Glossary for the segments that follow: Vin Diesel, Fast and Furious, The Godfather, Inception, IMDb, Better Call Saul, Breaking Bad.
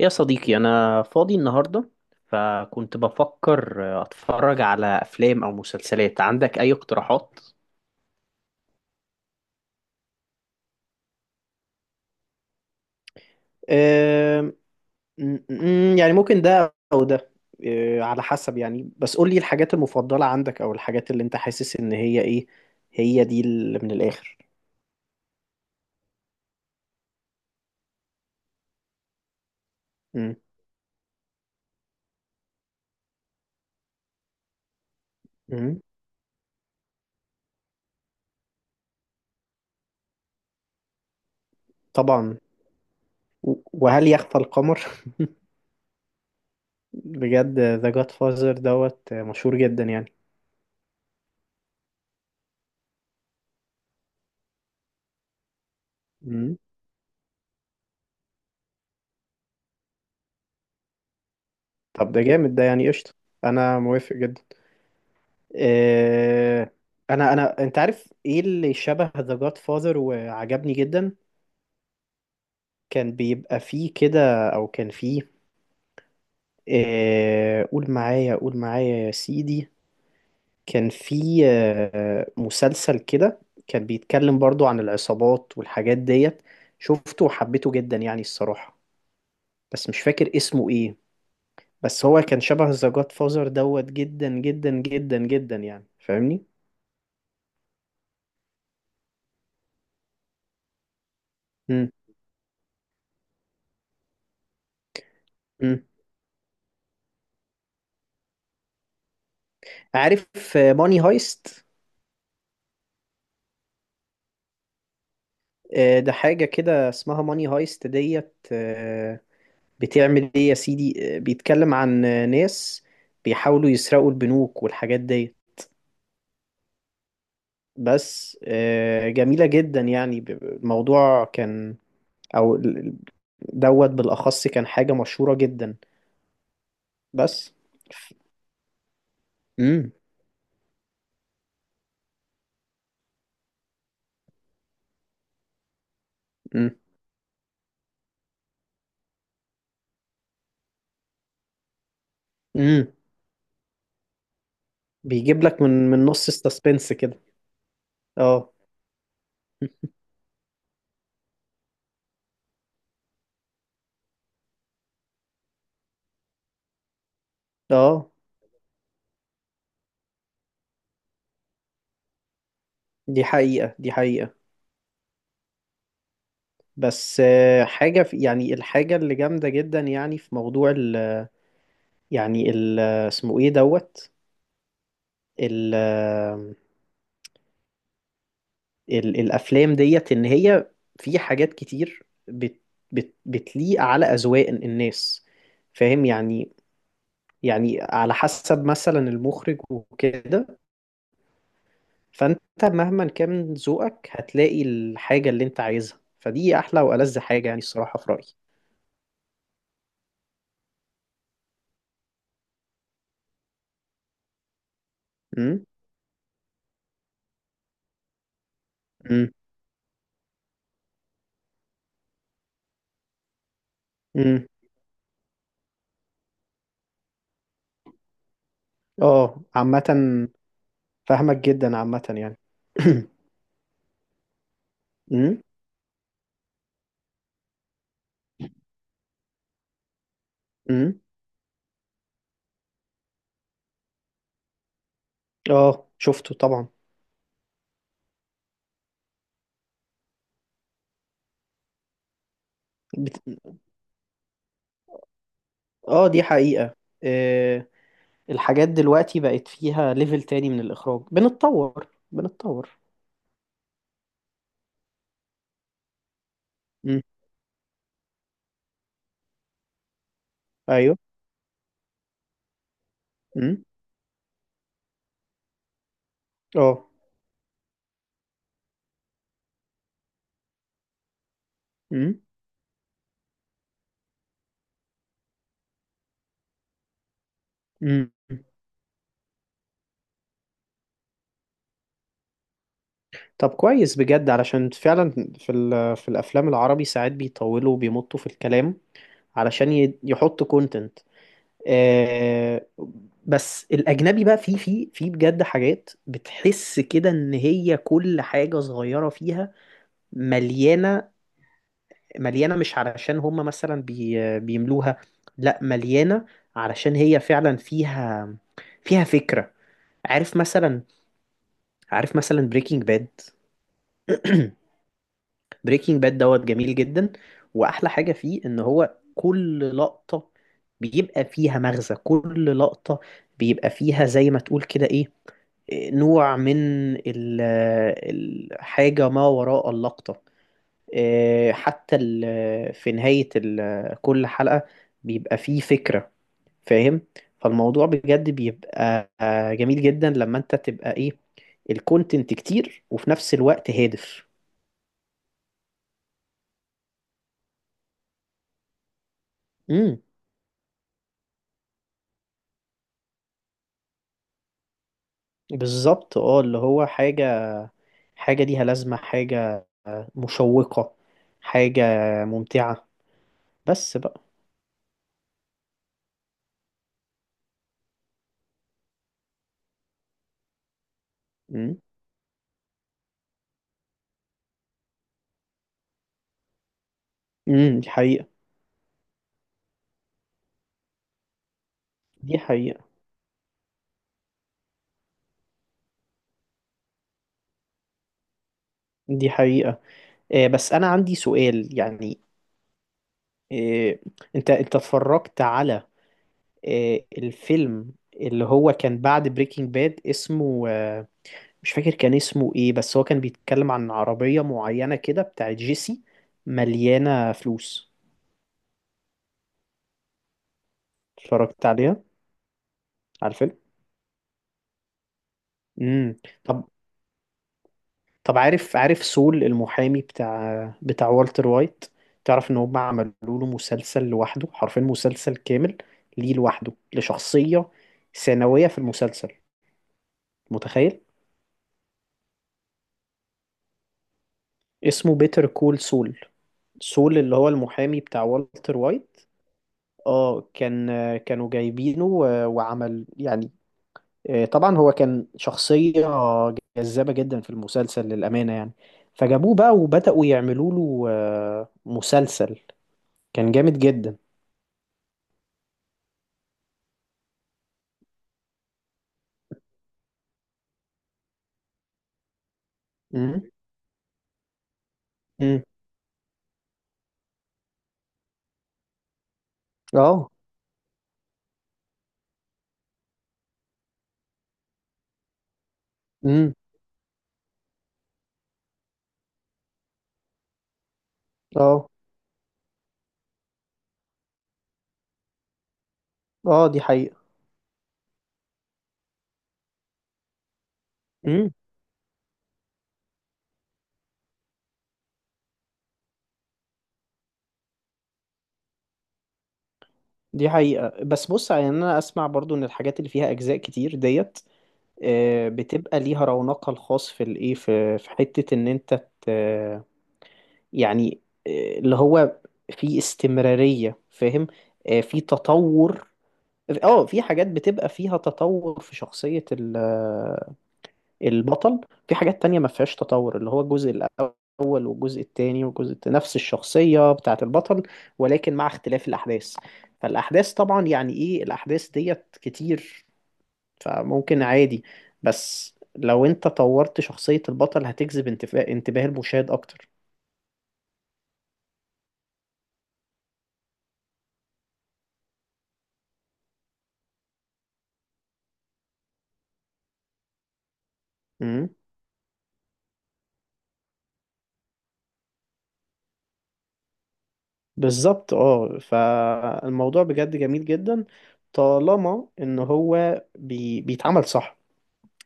يا صديقي، أنا فاضي النهاردة، فكنت بفكر أتفرج على أفلام أو مسلسلات. عندك أي اقتراحات؟ أم، أم، يعني ممكن ده او ده. على حسب يعني، بس قول لي الحاجات المفضلة عندك او الحاجات اللي انت حاسس ان هي ايه. هي دي اللي من الاخر. أم. أم. طبعا. وهل يخفى القمر؟ بجد، ذا جاد فازر دوت مشهور جدا يعني. أم. طب، ده جامد ده، يعني قشطة. انا موافق جدا. آه، انا انا انت عارف ايه اللي شبه ذا جاد فاذر وعجبني جدا. كان بيبقى فيه كده، او كان فيه، قول معايا قول معايا يا سيدي، كان فيه مسلسل كده. كان بيتكلم برضو عن العصابات والحاجات ديت. شفته وحبيته جدا يعني، الصراحة. بس مش فاكر اسمه ايه. بس هو كان شبه ذا جاد فاذر دوت جدا جدا جدا جدا يعني. فاهمني؟ مم. مم. عارف ماني هايست؟ ده حاجة كده اسمها ماني هايست ديت. بتعمل ايه يا سيدي؟ بيتكلم عن ناس بيحاولوا يسرقوا البنوك والحاجات ديت. بس جميلة جدا يعني. الموضوع كان، او دوت بالأخص كان حاجة مشهورة جدا. بس. امم. امم. امم. بيجيب لك من نص السسبنس كده. اه. اه. دي حقيقة. دي حقيقة. بس حاجة في يعني، الحاجة اللي جامدة جدا يعني، في موضوع ال، يعني ال اسمه ايه دوت، ال ال الأفلام ديت، إن هي في حاجات كتير بت بتليق على أذواق الناس. فاهم يعني على حسب مثلا المخرج وكده. فأنت مهما كان ذوقك هتلاقي الحاجة اللي أنت عايزها. فدي أحلى وألذ حاجة يعني، الصراحة، في رأيي. امم. امم. امم. اه. عامة، فاهمك جدا عامة يعني. امم. امم. اه. شفته طبعا. بت... اه، دي حقيقة. آه الحاجات دلوقتي بقت فيها ليفل تاني من الإخراج. بنتطور بنتطور. امم. ايوه. امم. اه. امم. امم. طب كويس بجد، علشان فعلا في الأفلام العربي ساعات بيطولوا وبيمطوا في الكلام علشان يحطوا كونتنت. آه، بس الاجنبي بقى فيه بجد حاجات بتحس كده ان هي كل حاجه صغيره فيها مليانه. مليانه مش علشان هم مثلا بيملوها، لا، مليانه علشان هي فعلا فيها فكره. عارف مثلا عارف مثلا بريكنج باد؟ بريكنج باد دوت جميل جدا. واحلى حاجه فيه ان هو كل لقطه بيبقى فيها مغزى، كل لقطه بيبقى فيها زي ما تقول كده ايه، نوع من ال- الحاجة ما وراء اللقطة. حتى في نهاية كل حلقة بيبقى فيه فكرة، فاهم؟ فالموضوع بجد بيبقى جميل جدا لما انت تبقى ايه، الكونتنت كتير وفي نفس الوقت هادف. امم. بالظبط اه، اللي هو حاجة ليها لازمة، حاجة مشوقة، حاجة ممتعة بس بقى. امم. امم، دي حقيقة. دي حقيقة. دي حقيقة. بس انا عندي سؤال يعني. آه، انت اتفرجت على الفيلم اللي هو كان بعد بريكنج باد، اسمه مش فاكر كان اسمه ايه. بس هو كان بيتكلم عن عربية معينة كده بتاعت جيسي مليانة فلوس. اتفرجت عليها، على الفيلم؟ امم. طب طب عارف سول المحامي بتاع والتر وايت؟ تعرف ان هم عملوا له مسلسل لوحده، حرفيا مسلسل كامل ليه لوحده لشخصية ثانوية في المسلسل، متخيل؟ اسمه بيتر كول سول. سول اللي هو المحامي بتاع والتر وايت. اه. كانوا جايبينه، وعمل يعني، طبعا هو كان شخصية جذابة جدا في المسلسل للأمانة يعني، فجابوه بقى وبدأوا يعملوا له مسلسل، كان جامد جدا. امم. امم. اه. امم. اه. اه، دي حقيقة. امم، دي حقيقة. بس بص يعني، انا اسمع برضو ان الحاجات اللي فيها اجزاء كتير ديت بتبقى ليها رونقها الخاص في الايه، في حتة ان انت ت- يعني اللي هو في استمرارية، فاهم؟ في تطور. اه، في حاجات بتبقى فيها تطور في شخصية البطل. في حاجات تانية ما فيهاش تطور، اللي هو الجزء الأول والجزء التاني والجزء نفس الشخصية بتاعة البطل ولكن مع اختلاف الأحداث. فالأحداث طبعا يعني ايه، الأحداث ديت كتير، فممكن عادي. بس لو انت طورت شخصية البطل هتجذب انتباه المشاهد اكتر. امم. بالظبط اه، فالموضوع بجد جميل جدا طالما ان هو بيتعمل صح.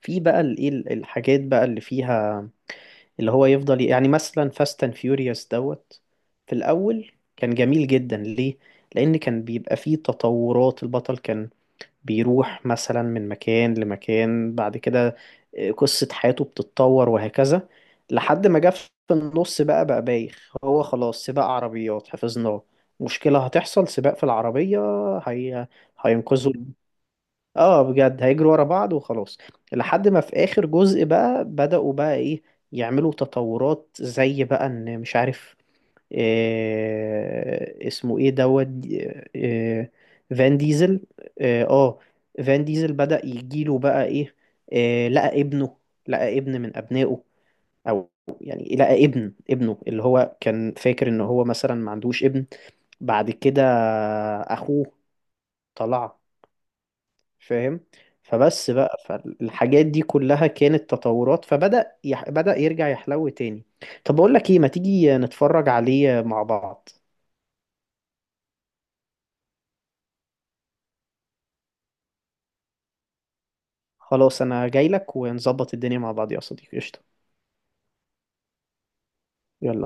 في بقى الايه، الحاجات بقى اللي فيها اللي هو يفضل، يعني مثلا فاست اند فيوريوس دوت. في الاول كان جميل جدا ليه؟ لان كان بيبقى فيه تطورات. البطل كان بيروح مثلا من مكان لمكان، بعد كده قصة حياته بتتطور وهكذا، لحد ما جه في النص بقى بايخ. هو خلاص سباق عربيات، حفظناه. مشكلة هتحصل، سباق في العربية. هي... هينقذوا. اه بجد، هيجروا ورا بعض وخلاص. لحد ما في آخر جزء بقى، بدأوا بقى ايه، يعملوا تطورات زي بقى ان مش عارف اسمه ايه دوت. آه، آه، فان ديزل. اه، فان ديزل بدأ يجيله بقى ايه، آه، لقى ابنه لقى ابن من ابنائه. او يعني لقى ابن ابنه اللي هو كان فاكر ان هو مثلا ما عندوش ابن. بعد كده اخوه طلع، فاهم؟ فبس بقى، فالحاجات دي كلها كانت تطورات. فبدأ يح... بدأ يرجع يحلو تاني. طب اقول لك ايه، ما تيجي نتفرج عليه مع بعض؟ خلاص، انا جاي لك ونظبط الدنيا مع بعض يا صديقي. قشطة. يلا.